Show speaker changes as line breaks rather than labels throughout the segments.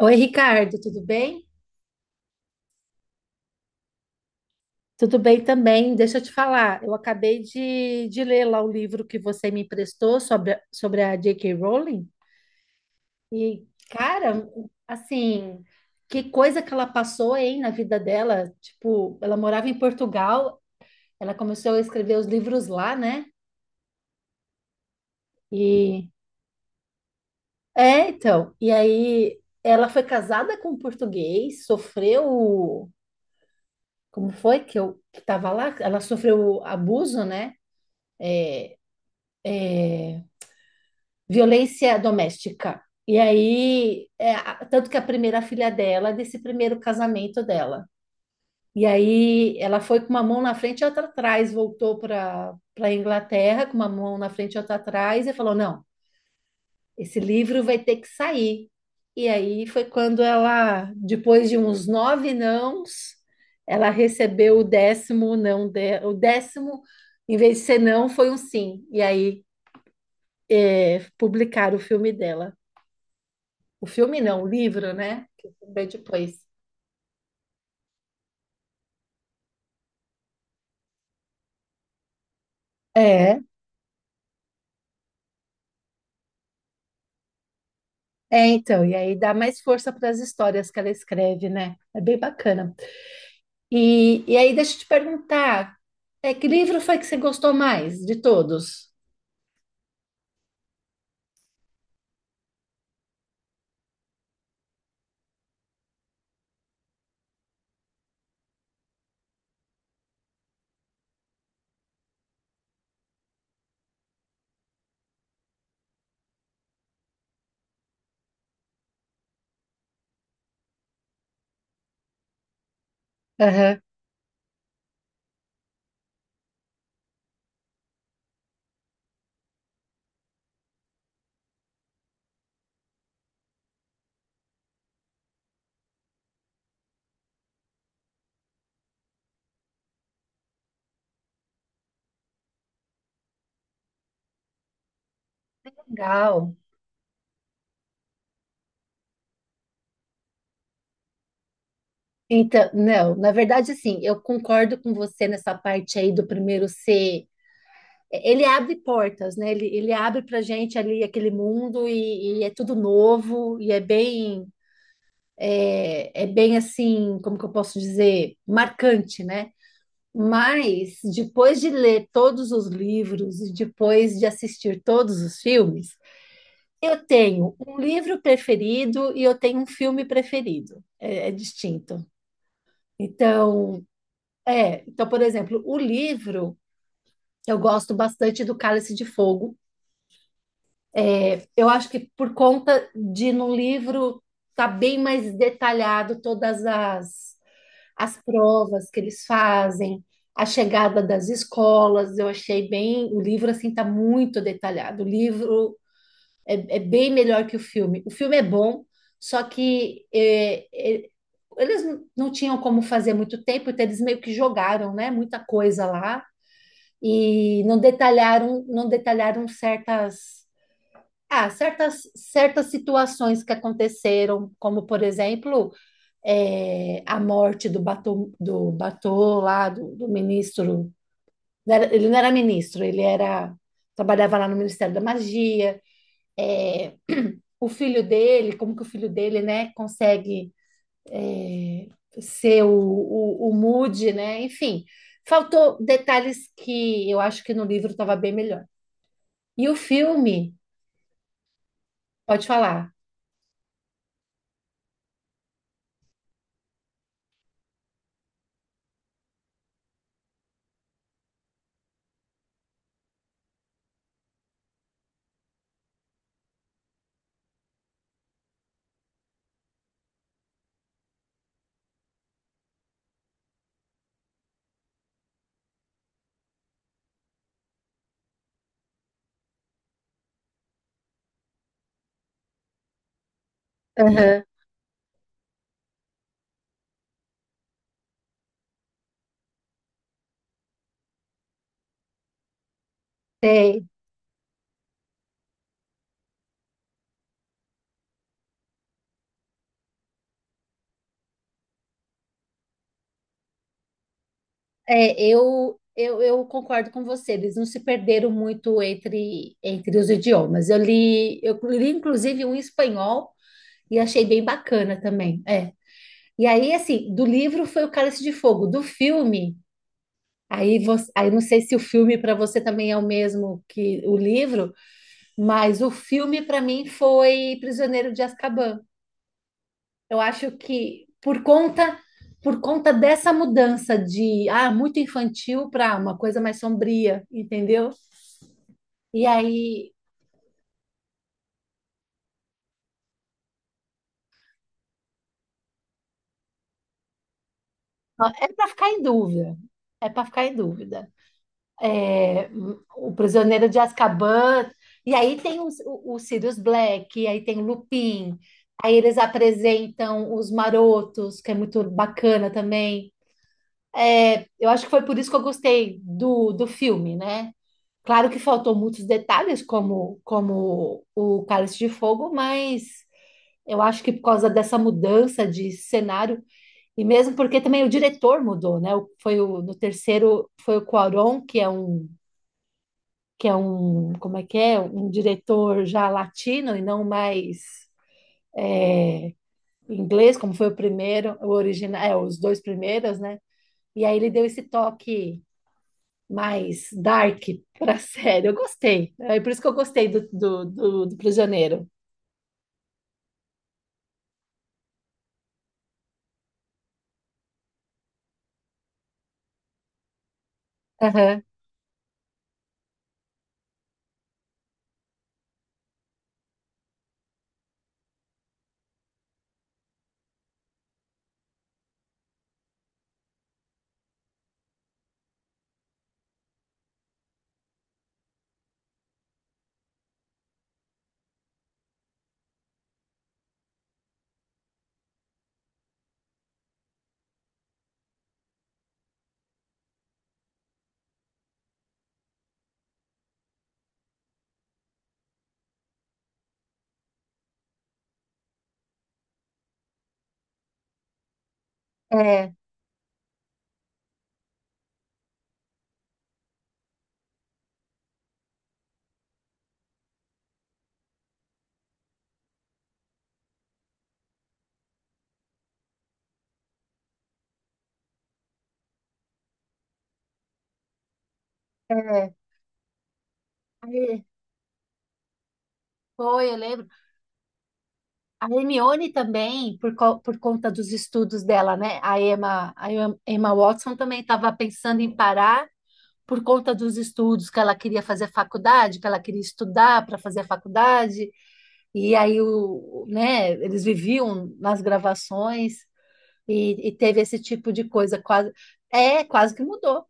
Oi, Ricardo, tudo bem? Tudo bem também. Deixa eu te falar, eu acabei de ler lá o livro que você me emprestou sobre a J.K. Rowling. E, cara, assim, que coisa que ela passou, hein, na vida dela. Tipo, ela morava em Portugal, ela começou a escrever os livros lá, né? E. É, então. E aí, ela foi casada com um português, sofreu. Como foi que eu que estava lá? Ela sofreu abuso, né? É, violência doméstica. E aí, é, tanto que a primeira filha dela é desse primeiro casamento dela. E aí, ela foi com uma mão na frente e outra atrás, voltou para a Inglaterra com uma mão na frente e outra atrás e falou: Não, esse livro vai ter que sair. E aí foi quando ela, depois de uns nove nãos, ela recebeu o décimo não, em vez de ser não, foi um sim. E aí, é, publicaram o filme dela. O filme não, o livro, né? Que eu depois. É, é, então, e aí dá mais força para as histórias que ela escreve, né? É bem bacana. E, aí, deixa eu te perguntar, que livro foi que você gostou mais de todos? Aham. Legal. Então, não, na verdade, assim, eu concordo com você nessa parte aí do primeiro ser. Ele abre portas, né? Ele abre pra gente ali aquele mundo e é tudo novo e é bem assim, como que eu posso dizer, marcante, né? Mas depois de ler todos os livros e depois de assistir todos os filmes, eu tenho um livro preferido e eu tenho um filme preferido. É distinto. Então, então, por exemplo, o livro eu gosto bastante do Cálice de Fogo. Eu acho que por conta de no livro tá bem mais detalhado todas as provas que eles fazem, a chegada das escolas, eu achei bem, o livro assim tá muito detalhado. O livro é bem melhor que o filme. O filme é bom, só que é, eles não tinham como fazer muito tempo, então eles meio que jogaram, né, muita coisa lá e não detalharam, não detalharam certas situações que aconteceram, como por exemplo, a morte do Batô lá, do ministro. Ele não era ministro, ele era trabalhava lá no Ministério da Magia. É, o filho dele, como que o filho dele, né, consegue é, ser o Moody, né? Enfim, faltou detalhes que eu acho que no livro estava bem melhor. E o filme, pode falar. Aham. É, eu concordo com você, eles não se perderam muito entre, entre os idiomas. Eu li, inclusive, um em espanhol e achei bem bacana também. É. E aí, assim, do livro foi o Cálice de Fogo, do filme. Aí, você, aí não sei se o filme para você também é o mesmo que o livro, mas o filme para mim foi Prisioneiro de Azkaban. Eu acho que por conta dessa mudança de muito infantil para uma coisa mais sombria, entendeu? E aí ó, é para ficar em dúvida. É para ficar em dúvida. É, o Prisioneiro de Azkaban, e aí tem o Sirius Black, e aí tem o Lupin. Aí eles apresentam os Marotos, que é muito bacana também. É, eu acho que foi por isso que eu gostei do filme, né? Claro que faltou muitos detalhes, como, como o Cálice de Fogo, mas eu acho que por causa dessa mudança de cenário, e mesmo porque também o diretor mudou, né? No terceiro, foi o Cuarón, que é um, como é que é? Um diretor já latino e não mais inglês, como foi o primeiro, o original, é, os dois primeiros, né? E aí ele deu esse toque mais dark para a série. Eu gostei. É por isso que eu gostei do Prisioneiro. Aham, É, é. Aí, foi, eu lembro. A Hermione também, por conta dos estudos dela, né? A Emma Watson também estava pensando em parar por conta dos estudos, que ela queria fazer faculdade, que ela queria estudar para fazer a faculdade. E aí, né, eles viviam nas gravações e teve esse tipo de coisa. Quase que mudou.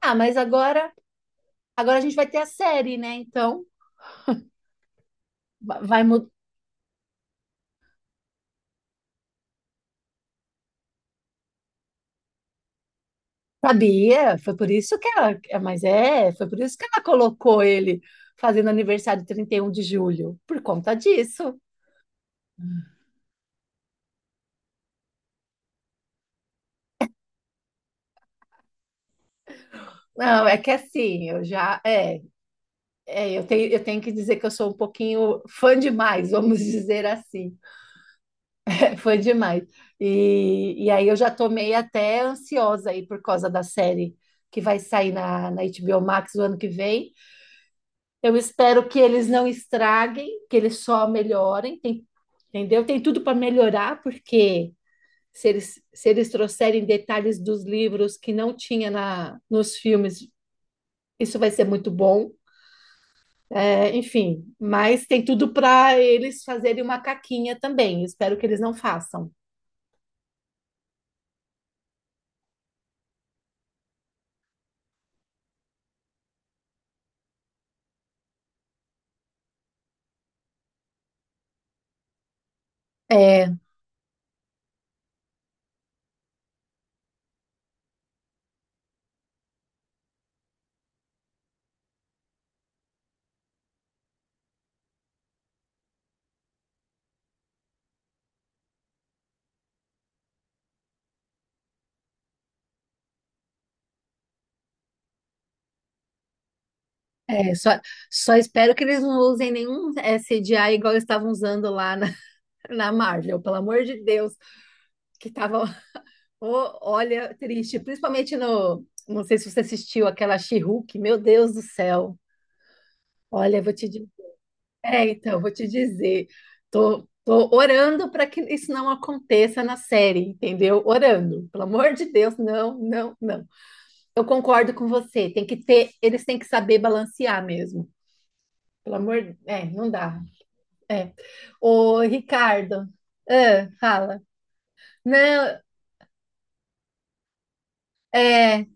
Ah, mas agora a gente vai ter a série, né? Então, va- vai, mu- Sabia, foi por isso que ela colocou ele fazendo aniversário 31 de julho, por conta disso. Não, é que assim, eu já, eu tenho que dizer que eu sou um pouquinho fã demais, vamos dizer assim, fã demais. E, aí eu já tô meio até ansiosa aí por causa da série que vai sair na HBO Max o ano que vem. Eu espero que eles não estraguem, que eles só melhorem, entendeu? Tem tudo para melhorar, porque se eles trouxerem detalhes dos livros que não tinha na, nos filmes, isso vai ser muito bom. É, enfim, mas tem tudo para eles fazerem uma caquinha também. Espero que eles não façam. É, é, só, só espero que eles não usem nenhum CGI igual eles estavam usando lá na Marvel, pelo amor de Deus, que tava Ô, olha, triste, principalmente no. Não sei se você assistiu aquela She-Hulk, meu Deus do céu. Olha, eu vou te dizer. É, então, vou te dizer. Tô orando para que isso não aconteça na série, entendeu? Orando. Pelo amor de Deus, não, não, não. Eu concordo com você. Tem que ter, eles têm que saber balancear mesmo. Pelo amor, não dá. É. Ô, Ricardo, fala. Não, é,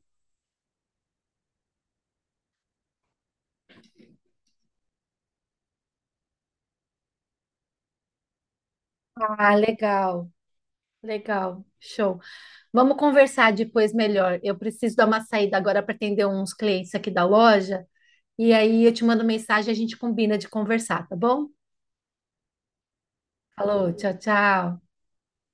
legal, legal, show. Vamos conversar depois melhor. Eu preciso dar uma saída agora para atender uns clientes aqui da loja. E aí eu te mando mensagem e a gente combina de conversar, tá bom? Falou, tchau, tchau.